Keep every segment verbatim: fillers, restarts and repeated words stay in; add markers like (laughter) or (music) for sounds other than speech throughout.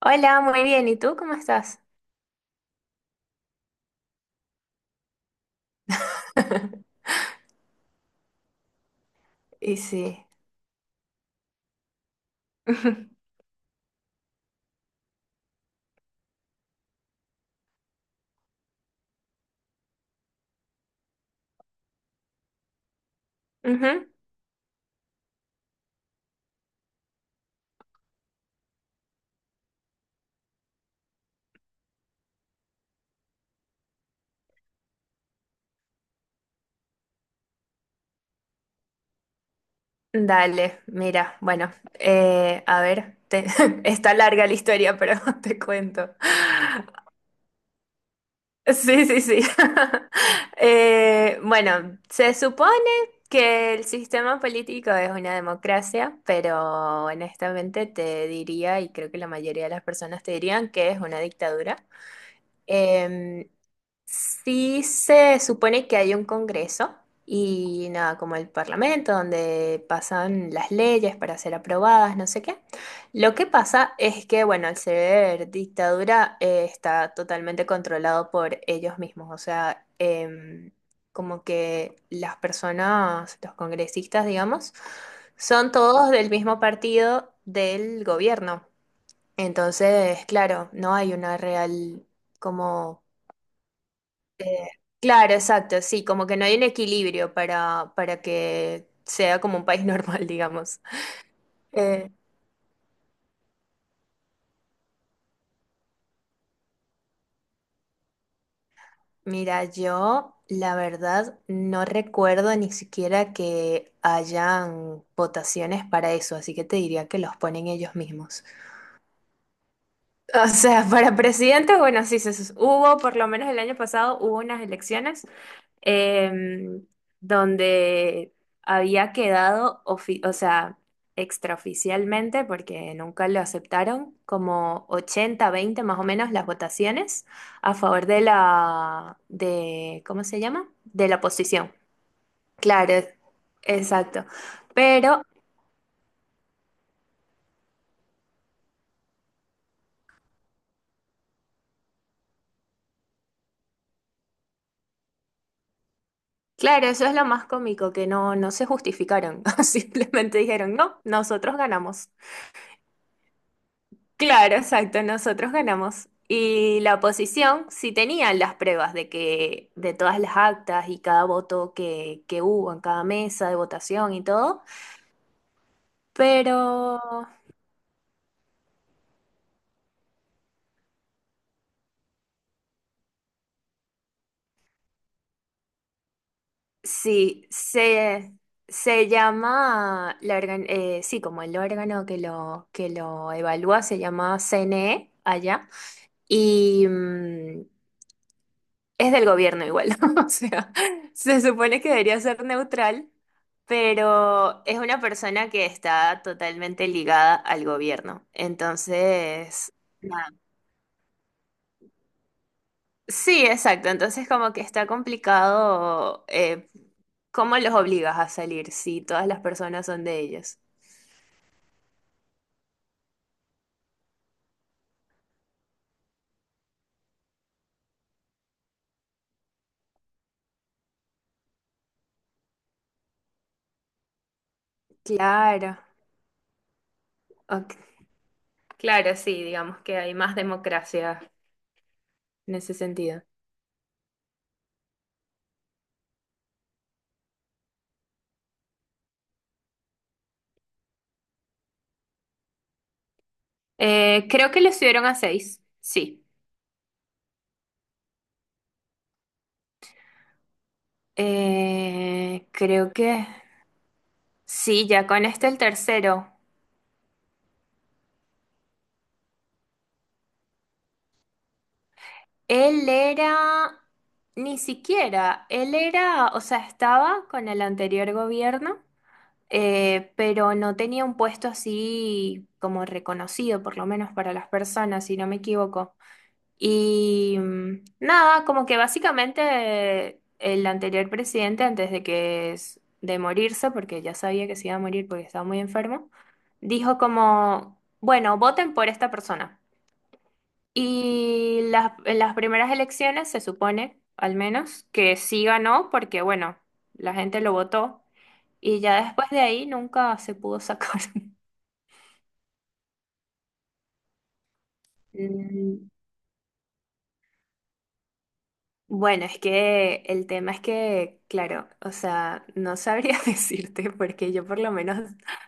Hola, muy bien. ¿Y tú cómo estás? (laughs) Y sí. (laughs) Ujú. Dale, mira, bueno, eh, a ver, te- (laughs) está larga la historia, pero (laughs) te cuento. Sí, sí, sí. (laughs) Eh, bueno, se supone que el sistema político es una democracia, pero honestamente te diría, y creo que la mayoría de las personas te dirían que es una dictadura. Em, Sí, se supone que hay un congreso y nada, como el parlamento, donde pasan las leyes para ser aprobadas, no sé qué. Lo que pasa es que, bueno, al ser dictadura, eh, está totalmente controlado por ellos mismos. O sea, em, como que las personas, los congresistas, digamos, son todos del mismo partido del gobierno. Entonces, claro, no hay una real como eh, claro, exacto, sí, como que no hay un equilibrio para, para que sea como un país (laughs) normal, digamos. Eh, Mira, yo la verdad no recuerdo ni siquiera que hayan votaciones para eso, así que te diría que los ponen ellos mismos. (laughs) O sea, para presidente, bueno, sí, se, sus- hubo, por lo menos el año pasado hubo unas elecciones em, donde había quedado, ofi- o sea, extraoficialmente, porque nunca lo aceptaron, como ochenta veinte más o menos las votaciones a favor de la, de, ¿cómo se llama? De la oposición. Claro, es- exacto. Pero, claro, eso es lo más cómico, que no, no se justificaron, (laughs) simplemente dijeron, no, nosotros ganamos. Claro, exacto, nosotros ganamos. Y la oposición sí tenía las pruebas de que de todas las actas y cada voto que, que hubo en cada mesa de votación y todo, pero sí, se, se llama, la organ- eh, sí, como el órgano que lo, que lo evalúa se llama C N E allá, y, mm, es del gobierno igual, (laughs) o sea, se supone que debería ser neutral, pero es una persona que está totalmente ligada al gobierno. Entonces, nada. Sí, exacto. Entonces como que está complicado eh, cómo los obligas a salir si todas las personas son de ellos. Claro, ok. Claro, sí, digamos que hay más democracia en ese sentido. Eh, creo que le subieron a seis, sí. Eh, creo que sí, ya con este el tercero. Él era, ni siquiera, él era, o sea, estaba con el anterior gobierno, eh, pero no tenía un puesto así como reconocido, por lo menos para las personas, si no me equivoco. Y mm, nada, como que básicamente el anterior presidente, antes de que s- de morirse, porque ya sabía que se iba a morir porque estaba muy enfermo, dijo como, bueno, voten por esta persona. Y las, en las primeras elecciones se supone, al menos, que sí ganó porque, bueno, la gente lo votó y ya después de ahí nunca se pudo sacar. (laughs) Mm, bueno, es que el tema es que, claro, o sea, no sabría (laughs) decirte porque yo por lo menos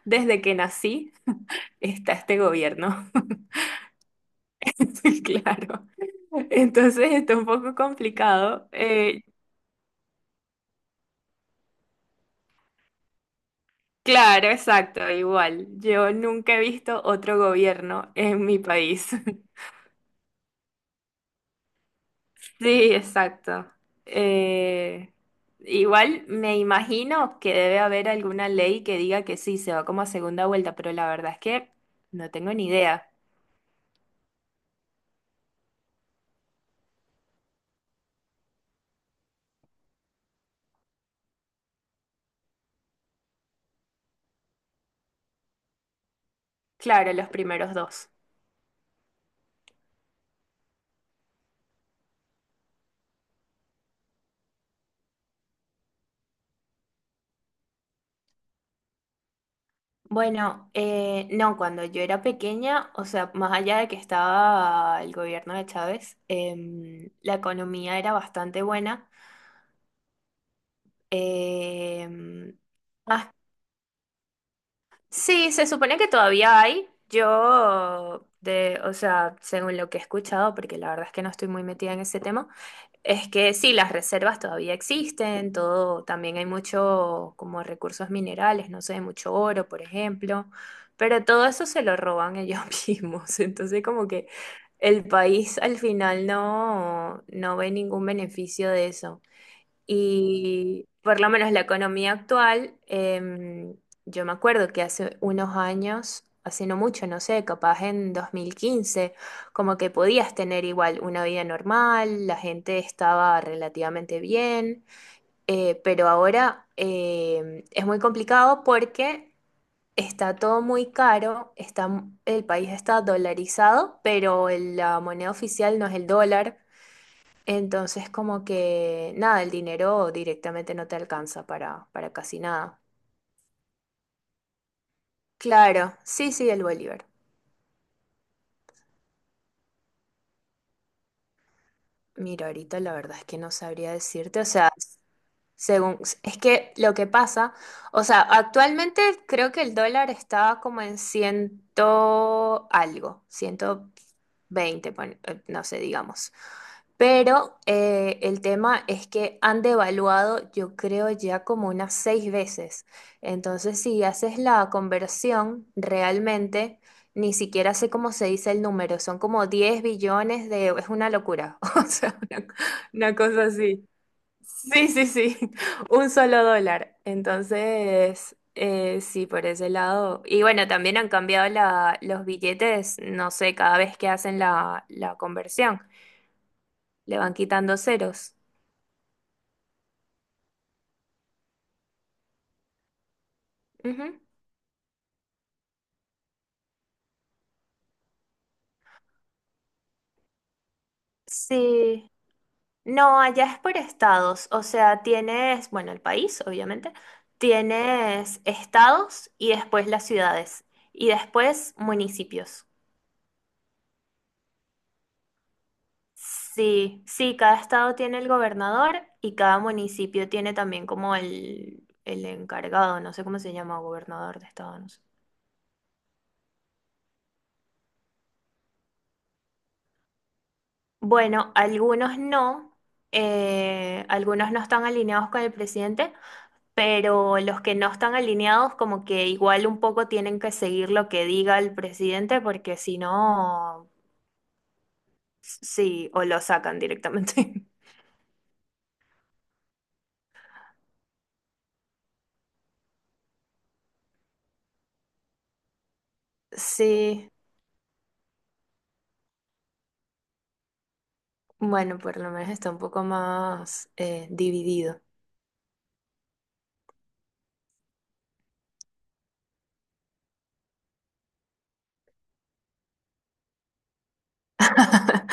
desde que nací está este gobierno, (laughs) claro. Entonces está un poco complicado. Eh, Claro, exacto, igual. Yo nunca he visto otro gobierno en mi país. (laughs) Sí, exacto. Eh, Igual me imagino que debe haber alguna ley que diga que sí, se va como a segunda vuelta, pero la verdad es que no tengo ni idea. Claro, los primeros dos. Bueno, eh, no, cuando yo era pequeña, o sea, más allá de que estaba el gobierno de Chávez, em, la economía era bastante buena. Em, más sí, se supone que todavía hay. Yo, de, o sea, según lo que he escuchado, porque la verdad es que no estoy muy metida en ese tema, es que sí, las reservas todavía existen, todo, también hay mucho como recursos minerales, no sé, mucho oro, por ejemplo, pero todo eso se lo roban ellos (laughs) mismos. Entonces, como que el país al final no, no ve ningún beneficio de eso. Y por lo menos la economía actual, em, yo me acuerdo que hace unos años, hace no mucho, no sé, capaz en dos mil quince como que podías tener igual una vida normal, la gente estaba relativamente bien, eh, pero ahora em, es muy complicado porque está todo muy caro, está, el país está dolarizado, pero el- la moneda oficial no es el dólar. Entonces, como que nada, el dinero directamente no te alcanza para, para casi nada. Claro, sí, sí, el Bolívar. Mira, ahorita la verdad es que no sabría decirte, o sea, según, es que lo que pasa, o sea, actualmente creo que el dólar estaba como en ciento algo, ciento veinte, pon- eh, no sé, digamos. Pero eh, el tema es que han devaluado, yo creo, ya como unas seis veces. Entonces, si haces la conversión, realmente ni siquiera sé cómo se dice el número, son como diez billones de... es una locura, (laughs) o sea, una, una cosa así. Sí, sí, sí, (laughs) un solo dólar. Entonces, eh, sí, por ese lado. Y bueno, también han cambiado la- los billetes, no sé, cada vez que hacen la, la conversión, le van quitando ceros. Ujú. Sí, no, allá es por estados, o sea, tienes, bueno, el país, obviamente, tienes estados y después las ciudades y después municipios. Sí, sí, cada estado tiene el gobernador y cada municipio tiene también como el, el encargado, no sé cómo se llama, gobernador de estado, no sé. Bueno, algunos no, eh, algunos no están alineados con el presidente, pero los que no están alineados como que igual un poco tienen que seguir lo que diga el presidente porque si no, sí, o lo sacan directamente. (laughs) Sí, bueno, por lo menos está un poco más eh, dividido.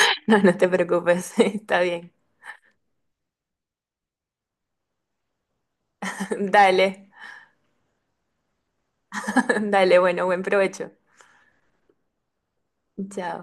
(laughs) No, no te preocupes, (laughs) está bien. (laughs) Dale, (laughs) dale, bueno, buen provecho. Chao.